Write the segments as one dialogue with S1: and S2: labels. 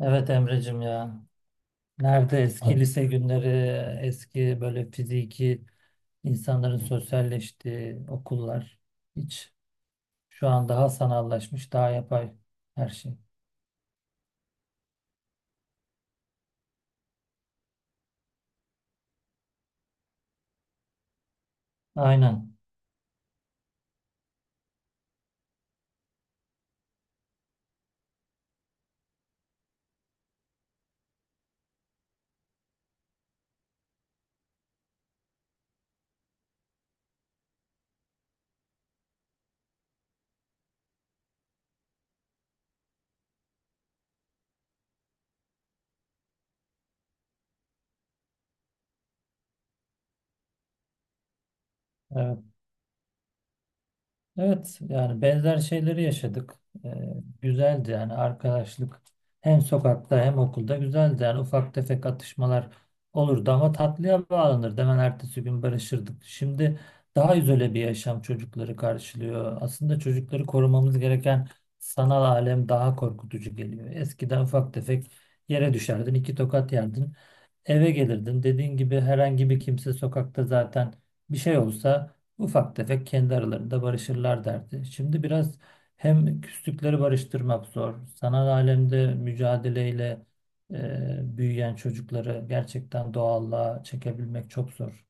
S1: Evet Emre'cim ya. Nerede eski Abi, lise günleri, eski böyle fiziki insanların sosyalleştiği okullar. Hiç şu an daha sanallaşmış, daha yapay her şey. Aynen. Evet. Evet yani benzer şeyleri yaşadık. Ee, Güzeldi yani arkadaşlık hem sokakta hem okulda güzeldi. Yani ufak tefek atışmalar olurdu ama tatlıya bağlanırdı. Hemen ertesi gün barışırdık. Şimdi daha izole bir yaşam çocukları karşılıyor. Aslında çocukları korumamız gereken sanal alem daha korkutucu geliyor. Eskiden ufak tefek yere düşerdin, iki tokat yerdin, eve gelirdin. Dediğin gibi herhangi bir kimse sokakta zaten bir şey olsa ufak tefek kendi aralarında barışırlar derdi. Şimdi biraz hem küslükleri barıştırmak zor. Sanal alemde mücadeleyle büyüyen çocukları gerçekten doğallığa çekebilmek çok zor.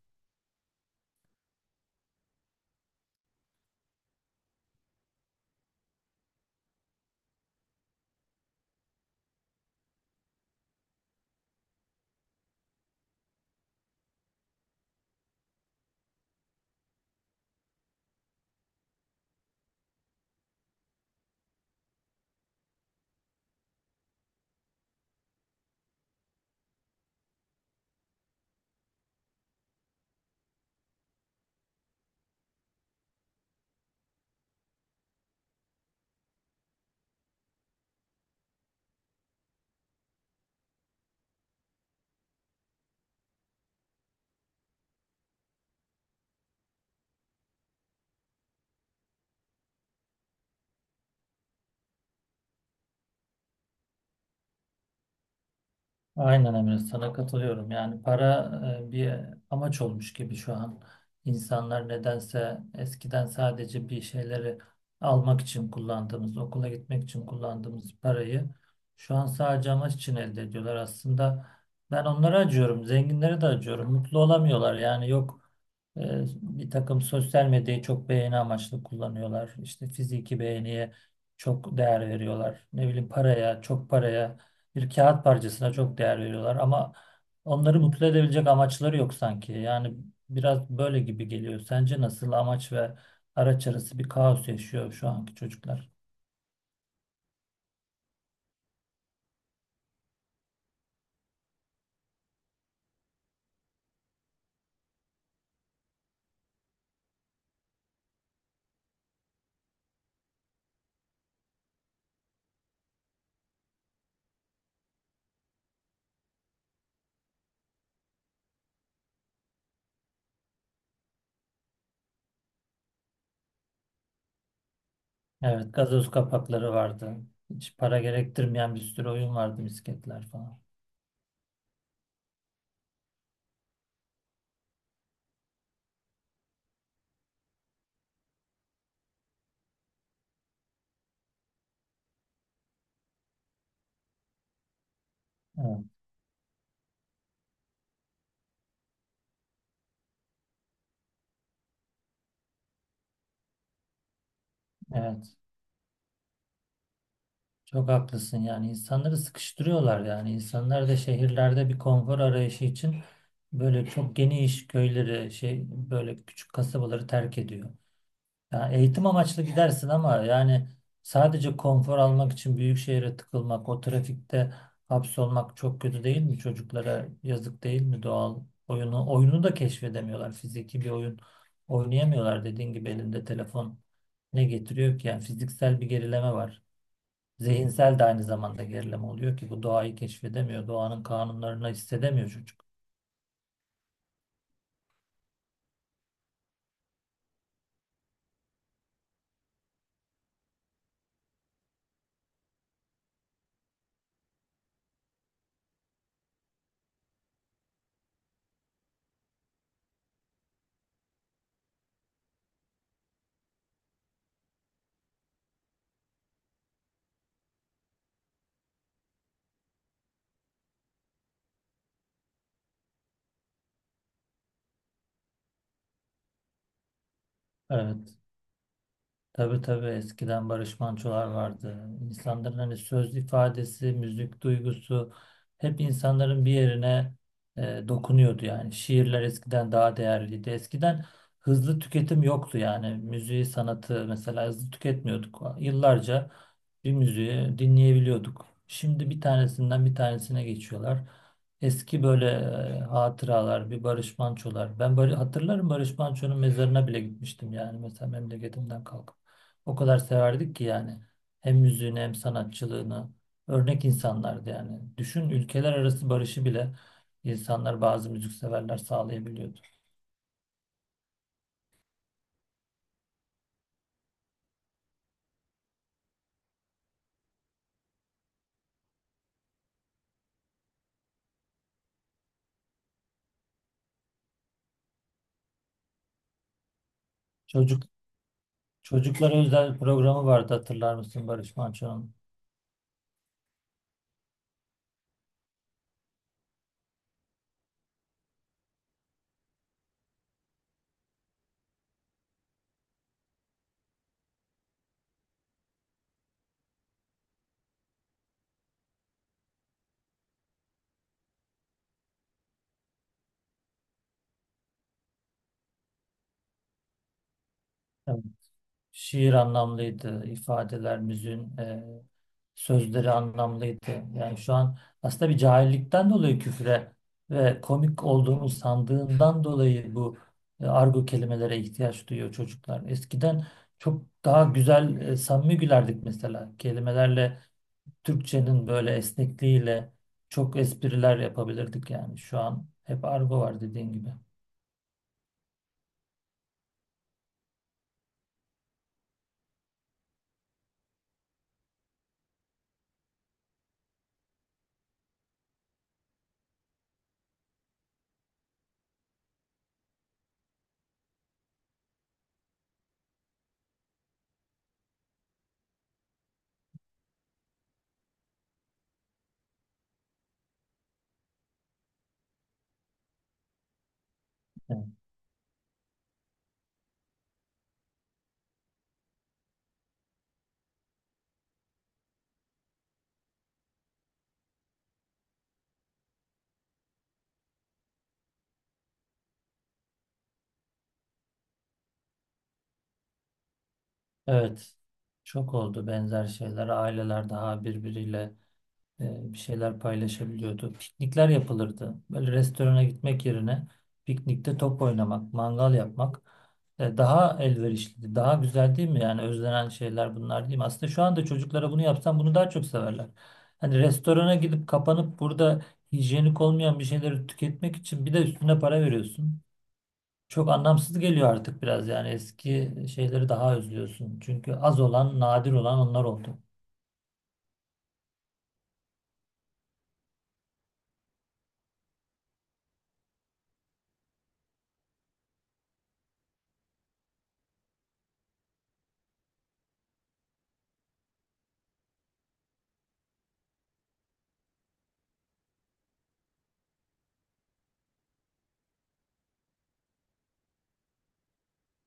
S1: Aynen Emre sana katılıyorum. Yani para bir amaç olmuş gibi şu an. İnsanlar nedense eskiden sadece bir şeyleri almak için kullandığımız, okula gitmek için kullandığımız parayı şu an sadece amaç için elde ediyorlar. Aslında ben onlara acıyorum, zenginlere de acıyorum. Mutlu olamıyorlar. Yani yok e, bir takım sosyal medyayı çok beğeni amaçlı kullanıyorlar. İşte fiziki beğeniye çok değer veriyorlar. Ne bileyim paraya, çok paraya bir kağıt parçasına çok değer veriyorlar ama onları mutlu edebilecek amaçları yok sanki. Yani biraz böyle gibi geliyor. Sence nasıl amaç ve araç arası bir kaos yaşıyor şu anki çocuklar? Evet, gazoz kapakları vardı. Hiç para gerektirmeyen bir sürü oyun vardı, misketler falan. Evet, evet. Çok haklısın yani insanları sıkıştırıyorlar yani insanlar da şehirlerde bir konfor arayışı için böyle çok geniş köyleri şey böyle küçük kasabaları terk ediyor. Yani eğitim amaçlı gidersin ama yani sadece konfor almak için büyük şehre tıkılmak, o trafikte hapsolmak çok kötü değil mi? Çocuklara yazık değil mi doğal oyunu? Oyunu da keşfedemiyorlar. Fiziki bir oyun oynayamıyorlar dediğin gibi elinde telefon ne getiriyor ki? Yani fiziksel bir gerileme var. Zihinsel de aynı zamanda gerileme oluyor ki bu doğayı keşfedemiyor. Doğanın kanunlarını hissedemiyor çocuk. Evet. Tabii tabii eskiden Barış Manço'lar vardı. İnsanların hani söz ifadesi, müzik duygusu hep insanların bir yerine dokunuyordu yani. Şiirler eskiden daha değerliydi. Eskiden hızlı tüketim yoktu yani. Müziği, sanatı mesela hızlı tüketmiyorduk. Yıllarca bir müziği dinleyebiliyorduk. Şimdi bir tanesinden bir tanesine geçiyorlar. Eski böyle hatıralar, bir Barış Manço'lar. Hatırlarım Barış Manço'nun mezarına bile gitmiştim yani mesela memleketimden kalkıp. O kadar severdik ki yani. Hem müziğini hem sanatçılığını. Örnek insanlardı yani. Düşün ülkeler arası barışı bile insanlar bazı müzikseverler sağlayabiliyordu. Çocuk Çocuklara özel programı vardı hatırlar mısın Barış Manço'nun? Şiir anlamlıydı, ifadeler, müziğin sözleri anlamlıydı. Yani şu an aslında bir cahillikten dolayı küfre ve komik olduğunu sandığından dolayı bu argo kelimelere ihtiyaç duyuyor çocuklar. Eskiden çok daha güzel, samimi gülerdik mesela. Kelimelerle, Türkçenin böyle esnekliğiyle çok espriler yapabilirdik yani. Şu an hep argo var dediğin gibi. Evet. Evet. Çok oldu benzer şeyler. Aileler daha birbiriyle bir şeyler paylaşabiliyordu. Piknikler yapılırdı. Böyle restorana gitmek yerine piknikte top oynamak, mangal yapmak daha elverişliydi. Daha güzel değil mi? Yani özlenen şeyler bunlar değil mi? Aslında şu anda çocuklara bunu yapsam bunu daha çok severler. Hani restorana gidip kapanıp burada hijyenik olmayan bir şeyleri tüketmek için bir de üstüne para veriyorsun. Çok anlamsız geliyor artık biraz yani eski şeyleri daha özlüyorsun. Çünkü az olan, nadir olan onlar oldu.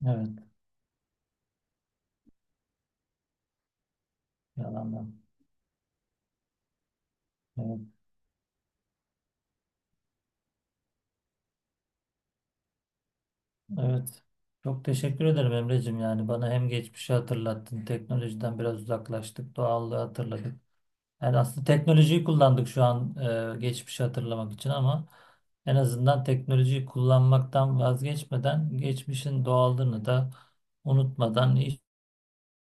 S1: Evet, yalandan. Evet. Evet. Çok teşekkür ederim Emre'cim. Yani bana hem geçmişi hatırlattın, teknolojiden biraz uzaklaştık, doğallığı hatırladık. Yani aslında teknolojiyi kullandık şu an geçmişi hatırlamak için ama en azından teknolojiyi kullanmaktan vazgeçmeden geçmişin doğallığını da unutmadan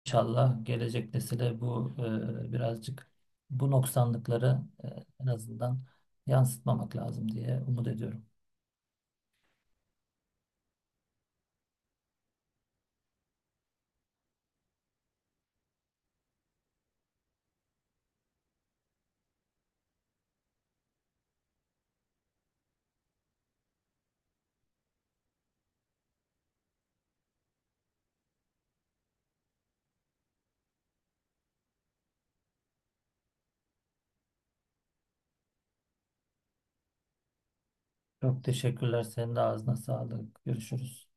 S1: inşallah gelecek nesile bu birazcık bu noksanlıkları, en azından yansıtmamak lazım diye umut ediyorum. Çok teşekkürler. Senin de ağzına sağlık. Görüşürüz.